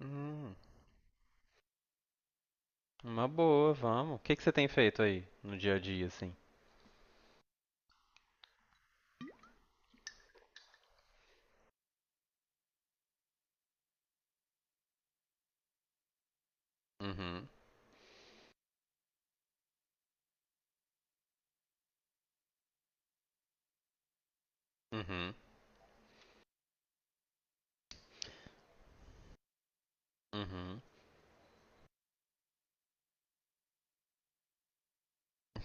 Hum, uma boa, vamos. O que que você tem feito aí no dia a dia, assim? Uhum. Uhum. Uhum.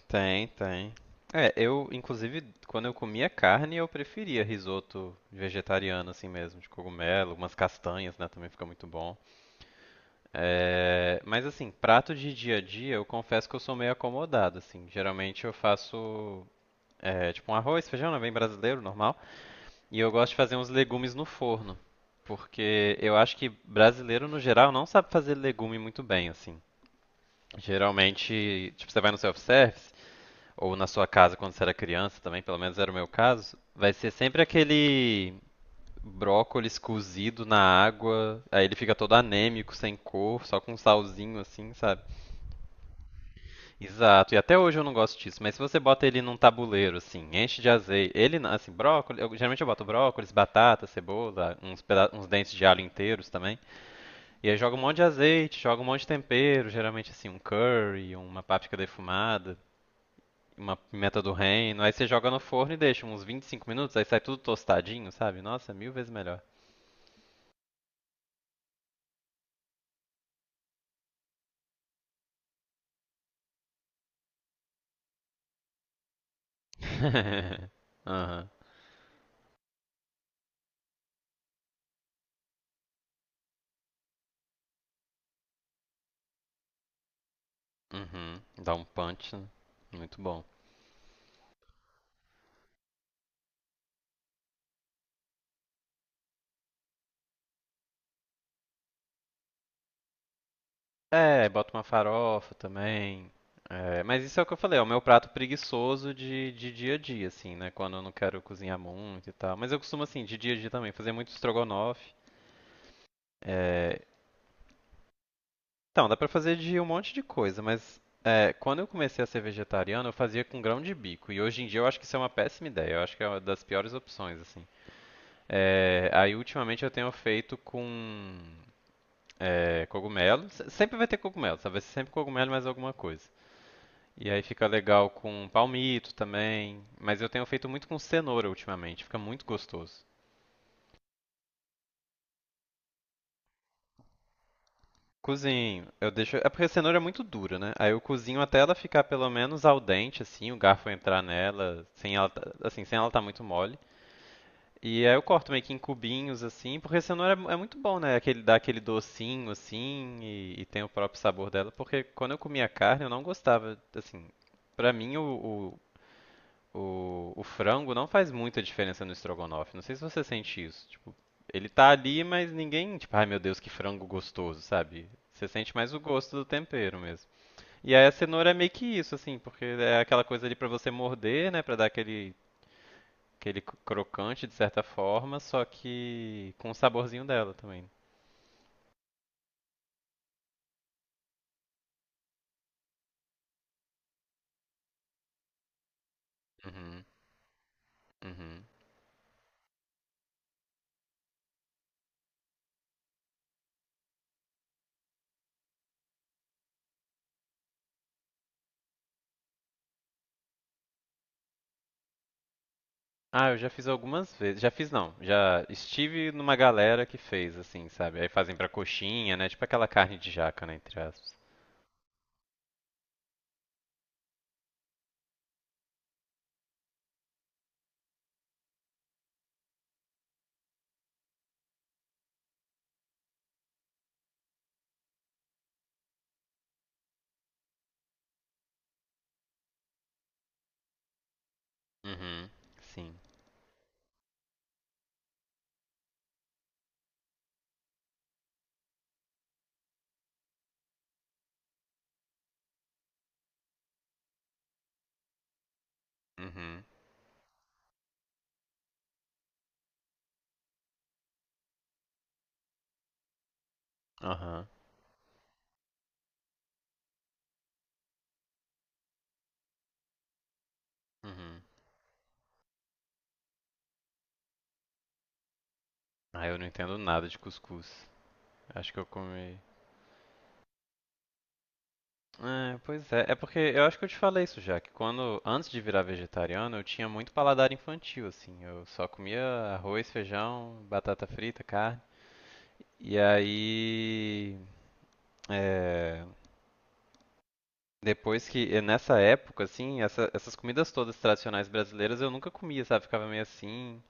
Tem, tem. É, eu, inclusive, quando eu comia carne, eu preferia risoto vegetariano, assim mesmo, de cogumelo, umas castanhas, né, também fica muito bom. É, mas, assim, prato de dia a dia, eu confesso que eu sou meio acomodado, assim. Geralmente eu faço, é, tipo, um arroz, feijão, né, bem brasileiro, normal. E eu gosto de fazer uns legumes no forno, porque eu acho que brasileiro no geral não sabe fazer legume muito bem, assim. Geralmente, tipo, você vai no self-service ou na sua casa quando você era criança também, pelo menos era o meu caso, vai ser sempre aquele brócolis cozido na água, aí ele fica todo anêmico, sem cor, só com um salzinho assim, sabe? Exato, e até hoje eu não gosto disso, mas se você bota ele num tabuleiro, assim, enche de azeite, ele, na- assim, brócolis, eu, geralmente eu boto brócolis, batata, cebola, uns dentes de alho inteiros também, e aí joga um monte de azeite, joga um monte de tempero, geralmente, assim, um curry, uma páprica defumada, uma pimenta do reino, aí você joga no forno e deixa uns 25 minutos, aí sai tudo tostadinho, sabe? Nossa, mil vezes melhor. Aham. Uhum, dá um punch, né? Muito bom. É, bota uma farofa também. É, mas isso é o que eu falei, é o meu prato preguiçoso de dia a dia, assim, né? Quando eu não quero cozinhar muito e tal. Mas eu costumo, assim, de dia a dia também, fazer muito estrogonofe. É, então, dá pra fazer de um monte de coisa, mas é, quando eu comecei a ser vegetariano, eu fazia com grão de bico. E hoje em dia eu acho que isso é uma péssima ideia, eu acho que é uma das piores opções, assim. É, aí, ultimamente, eu tenho feito com cogumelo. Sempre vai ter cogumelo, sabe? Vai ser sempre cogumelo e mais alguma coisa. E aí fica legal com palmito também, mas eu tenho feito muito com cenoura ultimamente, fica muito gostoso. Cozinho, eu deixo. É porque a cenoura é muito dura, né? Aí eu cozinho até ela ficar pelo menos al dente, assim, o garfo entrar nela, sem ela tá muito mole. E aí eu corto meio que em cubinhos, assim, porque a cenoura é muito bom, né? Aquele, dá aquele docinho, assim, e tem o próprio sabor dela. Porque quando eu comia carne, eu não gostava, assim. Pra mim, o o frango não faz muita diferença no estrogonofe. Não sei se você sente isso. Tipo, ele tá ali, mas ninguém, tipo, ai meu Deus, que frango gostoso, sabe? Você sente mais o gosto do tempero mesmo. E aí a cenoura é meio que isso, assim, porque é aquela coisa ali pra você morder, né, pra dar aquele crocante de certa forma, só que com o saborzinho dela também. Uhum. Uhum. Ah, eu já fiz algumas vezes. Já fiz não. Já estive numa galera que fez, assim, sabe? Aí fazem pra coxinha, né? Tipo aquela carne de jaca, né? Entre aspas. Uhum. Sim. Uhum. Aham. Uhum. Ah, eu não entendo nada de cuscuz. Acho que eu comi. É, pois é. É porque eu acho que eu te falei isso já, que quando, antes de virar vegetariano, eu tinha muito paladar infantil, assim. Eu só comia arroz, feijão, batata frita, carne. E aí, é, depois que, e nessa época, assim, essas comidas todas tradicionais brasileiras eu nunca comia, sabe? Ficava meio assim.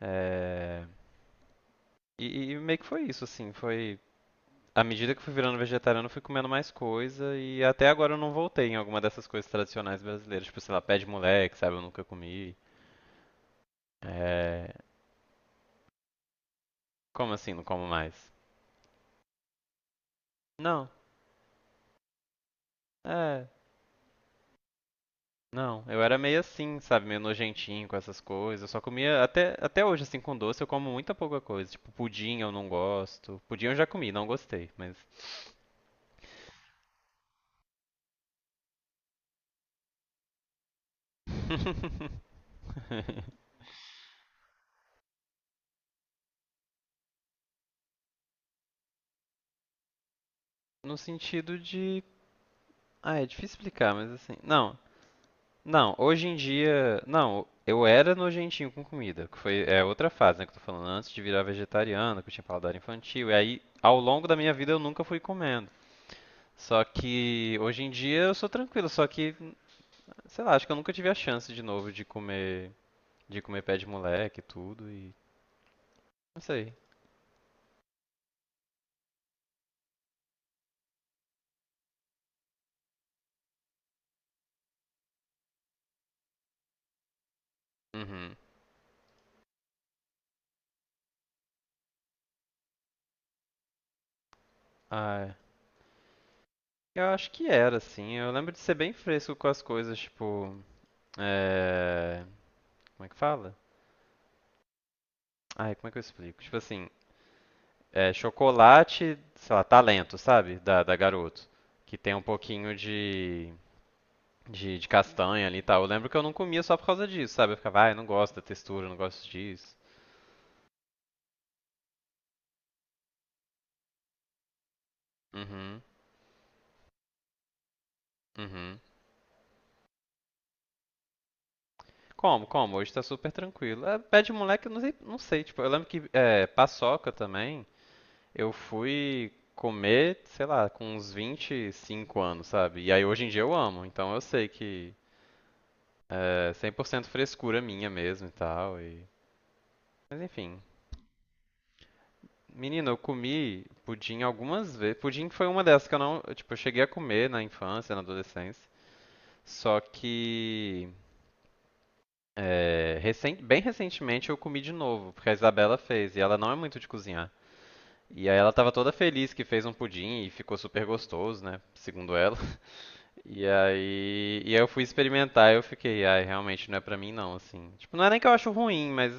É, e meio que foi isso, assim. Foi À medida que eu fui virando vegetariano, eu fui comendo mais coisa e até agora eu não voltei em alguma dessas coisas tradicionais brasileiras. Tipo, sei lá, pé de moleque, sabe? Eu nunca comi. É... Como assim, não como mais? Não, é... Não, eu era meio assim, sabe? Meio nojentinho com essas coisas. Eu só comia, até hoje, assim, com doce, eu como muita pouca coisa. Tipo, pudim eu não gosto. Pudim eu já comi, não gostei, mas... No sentido de... Ah, é difícil explicar, mas assim... Não, Não, hoje em dia. Não, eu era nojentinho com comida, que foi é outra fase, né, que eu tô falando, antes de virar vegetariano, que eu tinha paladar infantil, e aí ao longo da minha vida eu nunca fui comendo. Só que hoje em dia eu sou tranquilo, só que, sei lá, acho que eu nunca tive a chance de novo de comer pé de moleque e tudo e não sei. Uhum. Ah, é. Eu acho que era assim. Eu lembro de ser bem fresco com as coisas, tipo, é... como é que fala? Ai, como é que eu explico? Tipo assim, é chocolate, sei lá, talento, sabe? Da Garoto. Que tem um pouquinho de, de castanha ali e tal. Eu lembro que eu não comia só por causa disso, sabe? Eu ficava, ai, não gosto da textura, não gosto disso. Uhum. Uhum. Como, como? Hoje tá super tranquilo. É, pé de moleque, eu não sei, não sei. Tipo, eu lembro que é, paçoca também, eu fui comer, sei lá, com uns 25 anos, sabe? E aí hoje em dia eu amo, então eu sei que é 100% frescura minha mesmo e tal. Mas enfim, menina, eu comi pudim algumas vezes. Pudim foi uma dessas que eu não, tipo, eu cheguei a comer na infância, na adolescência. Só que bem recentemente eu comi de novo, porque a Isabela fez e ela não é muito de cozinhar. E aí ela tava toda feliz que fez um pudim e ficou super gostoso, né, segundo ela. E aí, eu fui experimentar e eu fiquei, ai, realmente não é pra mim não, assim. Tipo, não é nem que eu acho ruim, mas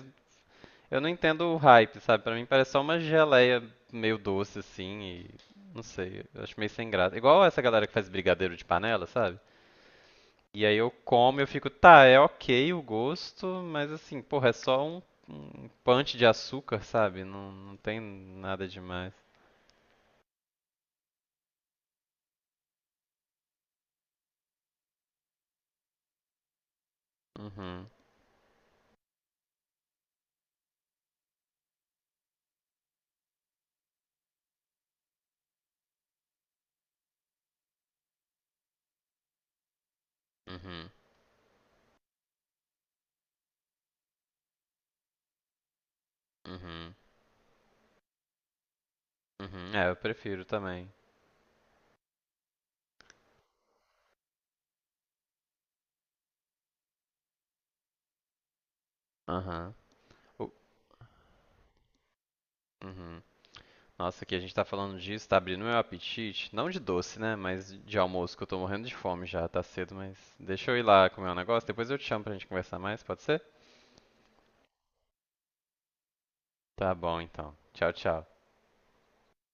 eu não entendo o hype, sabe? Pra mim parece só uma geleia meio doce assim e não sei, eu acho meio sem graça. Igual essa galera que faz brigadeiro de panela, sabe? E aí eu como e eu fico, tá, é ok o gosto, mas assim, porra, é só um punch de açúcar, sabe? Não, não tem nada demais. Uhum. Uhum. Uhum. Uhum. É, eu prefiro também. Aham. O- Uhum. Nossa, que a gente tá falando disso, tá abrindo meu apetite. Não de doce, né? Mas de almoço, que eu tô morrendo de fome já, tá cedo, mas deixa eu ir lá comer um negócio, depois eu te chamo pra gente conversar mais, pode ser? Tá bom então. Tchau, tchau.